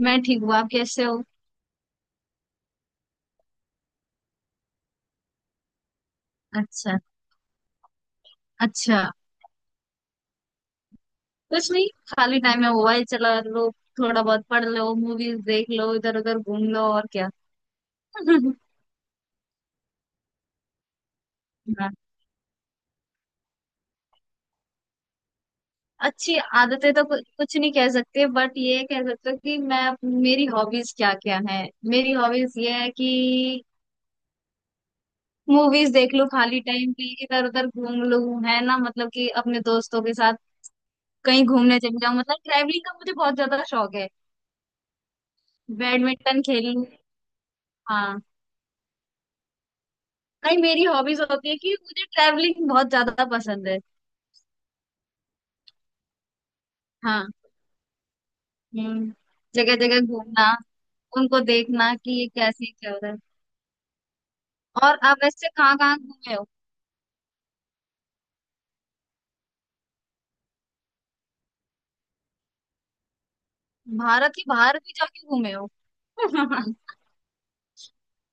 मैं ठीक हूँ। आप कैसे हो? अच्छा। अच्छा, कुछ नहीं, खाली टाइम है, मोबाइल चला लो, थोड़ा बहुत पढ़ लो, मूवीज देख लो, इधर उधर घूम लो, और क्या। हाँ, अच्छी आदतें तो कुछ नहीं कह सकते, बट ये कह सकते हो कि मैं, मेरी हॉबीज क्या क्या है, मेरी हॉबीज ये है कि मूवीज देख लो खाली टाइम पे, इधर उधर घूम लो, है ना, मतलब कि अपने दोस्तों के साथ कहीं घूमने चले जाओ, मतलब ट्रैवलिंग का मुझे बहुत ज्यादा शौक है। बैडमिंटन खेल लूं। हाँ, नहीं, मेरी हॉबीज होती है कि मुझे ट्रैवलिंग बहुत ज्यादा पसंद है। हाँ। हम्म। जगह जगह घूमना, उनको देखना कि ये कैसे चल रहा है। और आप वैसे कहाँ कहाँ घूमे हो? भारत के बाहर भी जाके घूमे हो?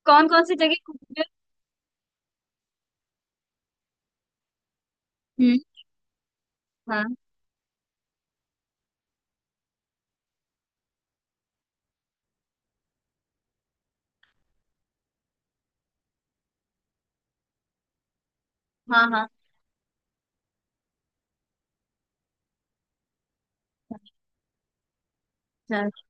कौन कौन सी जगह घूमे हो? हम्म। हाँ हाँ। हाँ। अच्छा।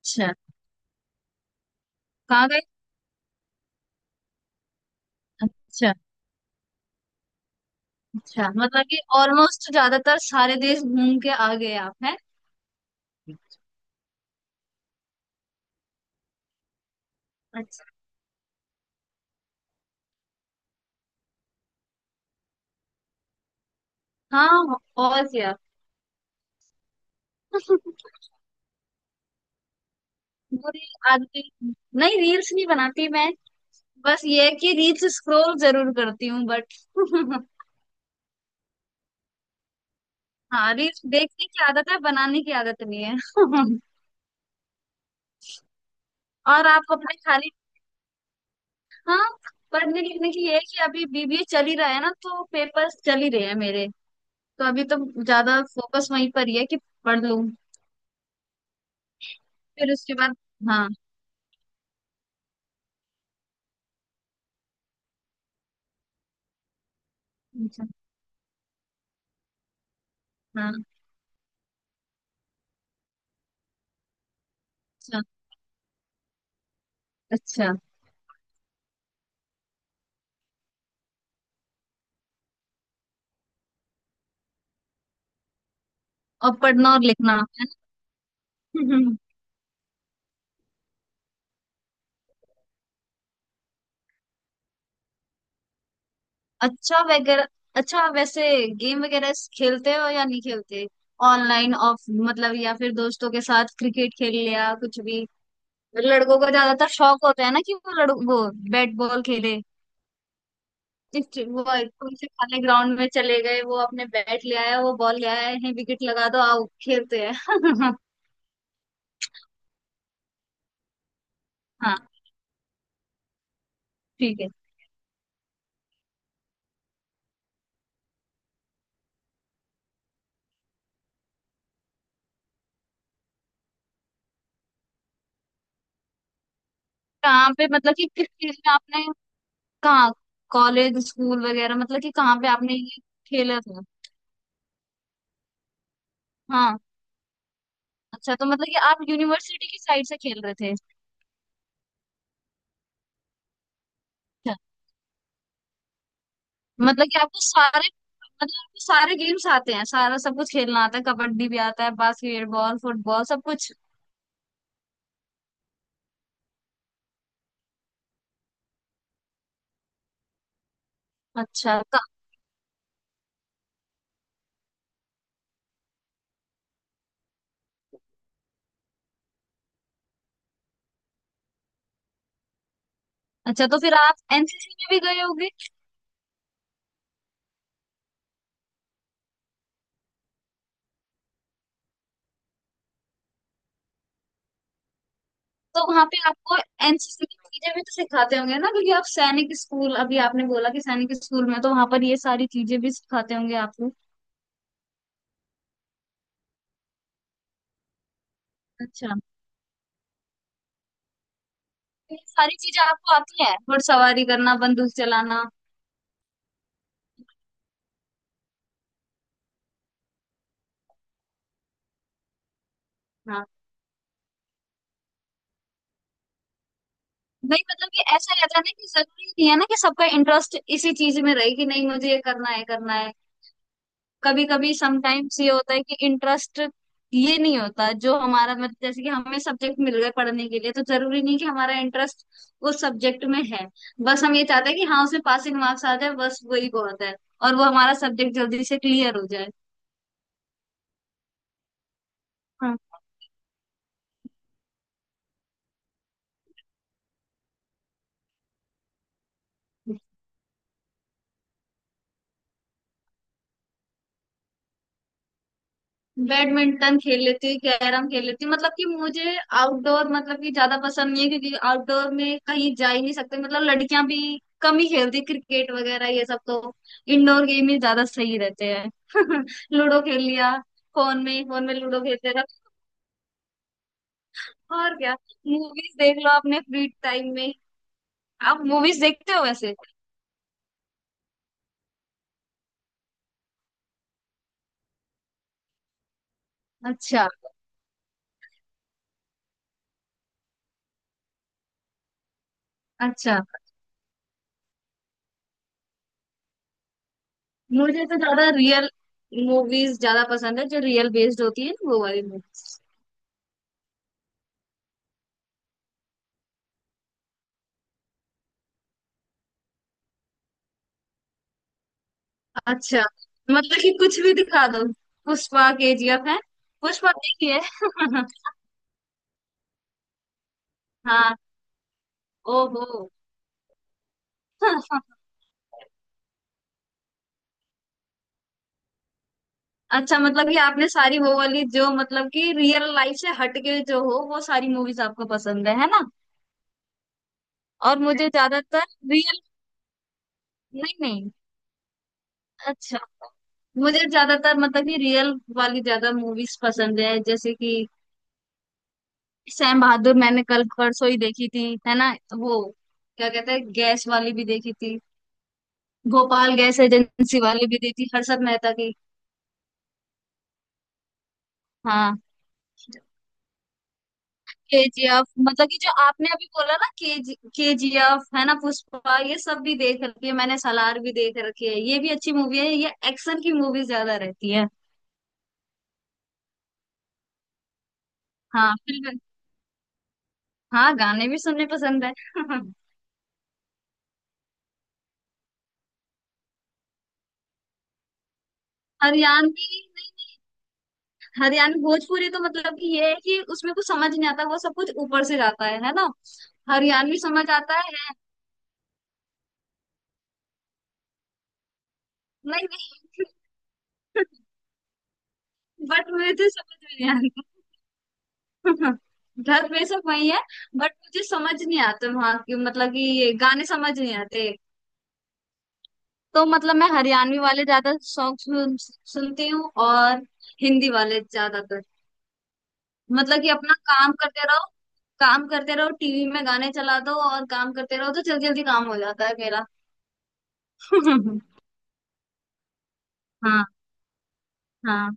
अच्छा, कहाँ गए? अच्छा। अच्छा मतलब कि ऑलमोस्ट ज्यादातर सारे देश घूम के आ गए आप हैं। अच्छा। हाँ, और क्या। बुरी आदमी, नहीं, रील्स नहीं बनाती मैं। बस ये है कि रील्स स्क्रॉल जरूर करती हूँ बट हाँ, रील्स देखने की आदत है, बनाने की आदत नहीं है। और आप अपने खाली, हाँ, पढ़ने लिखने की ये है कि अभी बीबीए चल ही रहा है ना, तो पेपर्स चल ही रहे हैं मेरे। तो अभी तो ज्यादा फोकस वहीं पर ही है कि पढ़ लूँ, फिर उसके बाद। हाँ। अच्छा। हाँ। अच्छा। अच्छा, और पढ़ना और लिखना है ना। अच्छा वगैरह। अच्छा वैसे गेम वगैरह खेलते हो या नहीं खेलते? ऑनलाइन ऑफ मतलब, या फिर दोस्तों के साथ क्रिकेट खेल लिया, कुछ भी। लड़कों को ज्यादातर शौक होता है ना, कि वो लड़, वो बैट बॉल खेले, वो कौन से खाली ग्राउंड में चले गए, वो अपने बैट ले आया, वो बॉल ले आया है, विकेट लगा दो, आओ खेलते हैं। हाँ ठीक है। कहाँ पे, मतलब कि किस चीज में आपने, कहाँ, कॉलेज स्कूल वगैरह, मतलब कि कहाँ पे आपने ये खेला था? हाँ। अच्छा, तो मतलब कि आप यूनिवर्सिटी की साइड से खेल रहे थे? अच्छा। मतलब कि आपको सारे, मतलब आपको सारे गेम्स आते हैं, सारा सब कुछ खेलना आता है, कबड्डी भी आता है, बास्केटबॉल, फुटबॉल, सब कुछ? अच्छा अच्छा तो फिर आप एनसीसी में भी गए होगे? तो वहां पे आपको एनसीसी की चीजें भी तो सिखाते होंगे ना, क्योंकि आप सैनिक स्कूल, अभी आपने बोला कि सैनिक स्कूल में, तो वहां पर ये सारी चीजें भी सिखाते होंगे आपको। अच्छा, तो ये सारी चीजें आपको आती हैं, घुड़सवारी करना, बंदूक चलाना। हाँ, नहीं, मतलब कि ऐसा रहता है ना कि जरूरी नहीं है ना, कि सबका इंटरेस्ट इसी चीज में रहे, कि नहीं मुझे ये करना है, करना है। कभी कभी समटाइम्स ये होता है कि इंटरेस्ट ये नहीं होता जो हमारा, मतलब जैसे कि हमें सब्जेक्ट मिल गए पढ़ने के लिए, तो जरूरी नहीं कि हमारा इंटरेस्ट उस सब्जेक्ट में है। बस हम ये चाहते हैं कि हाँ उसमें पासिंग मार्क्स आ जाए, बस वही बहुत है, और वो हमारा सब्जेक्ट जल्दी से क्लियर हो जाए। हाँ, बैडमिंटन खेल लेती हूँ, कैरम खेल लेती हूँ, मतलब कि मुझे आउटडोर मतलब कि ज्यादा पसंद नहीं है, क्योंकि आउटडोर में कहीं जा ही नहीं सकते, मतलब लड़कियां भी कम ही खेलती क्रिकेट वगैरह ये सब, तो इंडोर गेम ही ज्यादा सही रहते हैं। लूडो खेल लिया, फोन में लूडो खेलते रहो, और क्या, मूवीज देख लो अपने फ्री टाइम में। आप मूवीज देखते हो वैसे? अच्छा। अच्छा। मुझे तो ज्यादा रियल मूवीज ज्यादा पसंद है, जो रियल बेस्ड होती है ना वो वाली मूवीज। अच्छा मतलब कि कुछ भी दिखा दो, पुष्पा, केजीएफ है, पुष्पा देखिए। हाँ। ओहो। अच्छा मतलब कि आपने सारी वो वाली जो मतलब कि रियल लाइफ से हटके जो हो वो सारी मूवीज आपको पसंद है ना? और मुझे ज्यादातर रियल, नहीं नहीं। अच्छा। मुझे ज्यादातर मतलब कि रियल वाली ज्यादा मूवीज पसंद है, जैसे कि सैम बहादुर मैंने कल परसों ही देखी थी, है ना। वो क्या कहते हैं, गैस वाली भी देखी थी, गोपाल गैस एजेंसी वाली भी दी थी, हर्षद मेहता की। हाँ, केजीएफ मतलब कि जो आपने अभी बोला ना, केजीएफ है ना, पुष्पा, ये सब भी देख रखी है मैंने, सलार भी देख रखी है, ये भी अच्छी मूवी है, ये एक्शन की मूवी ज्यादा रहती है। हाँ फिल्म, हाँ, गाने भी सुनने पसंद है। हरियाणवी, नहीं नहीं, हरियाणवी भोजपुरी तो मतलब कि ये है कि उसमें कुछ समझ नहीं आता, वो सब कुछ ऊपर से जाता है ना। हरियाणवी समझ आता है, है? नहीं नहीं। बट मुझे तो समझ में नहीं आती। धर्म ये सब वही है। बट मुझे समझ नहीं आते वहाँ की, मतलब कि ये गाने समझ नहीं आते। तो मतलब मैं हरियाणवी वाले ज्यादा सॉन्ग सुनती हूँ, और हिंदी वाले ज्यादातर, मतलब कि अपना काम करते रहो, काम करते रहो, टीवी में गाने चला दो और काम करते रहो, तो जल्दी जल्दी काम हो जाता है मेरा। हाँ। हाँ,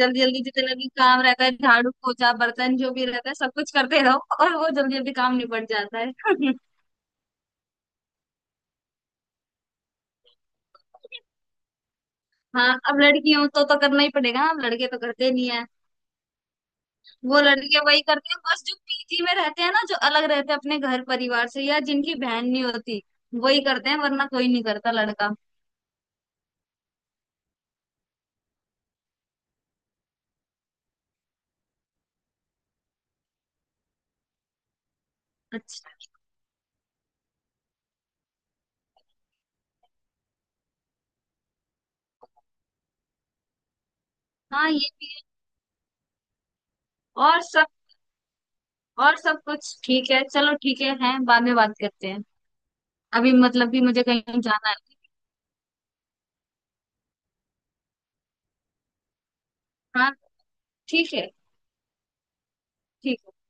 जल्दी जल्दी जितना भी काम रहता है, झाड़ू पोछा बर्तन जो भी रहता है सब कुछ करते रहो, और वो जल्दी जल्दी काम निपट जाता है। हाँ, अब लड़की हूं तो करना ही पड़ेगा, अब लड़के तो करते नहीं है। वो लड़के वही करते हैं बस जो पीजी में रहते हैं ना, जो अलग रहते हैं अपने घर परिवार से, या जिनकी बहन नहीं होती वही करते हैं, वरना कोई नहीं करता लड़का। अच्छा। हाँ ये भी है। और सब, और सब कुछ ठीक है, चलो ठीक है, हैं, बाद में बात करते हैं, अभी मतलब कि मुझे कहीं जाना है। हाँ ठीक है। ठीक है।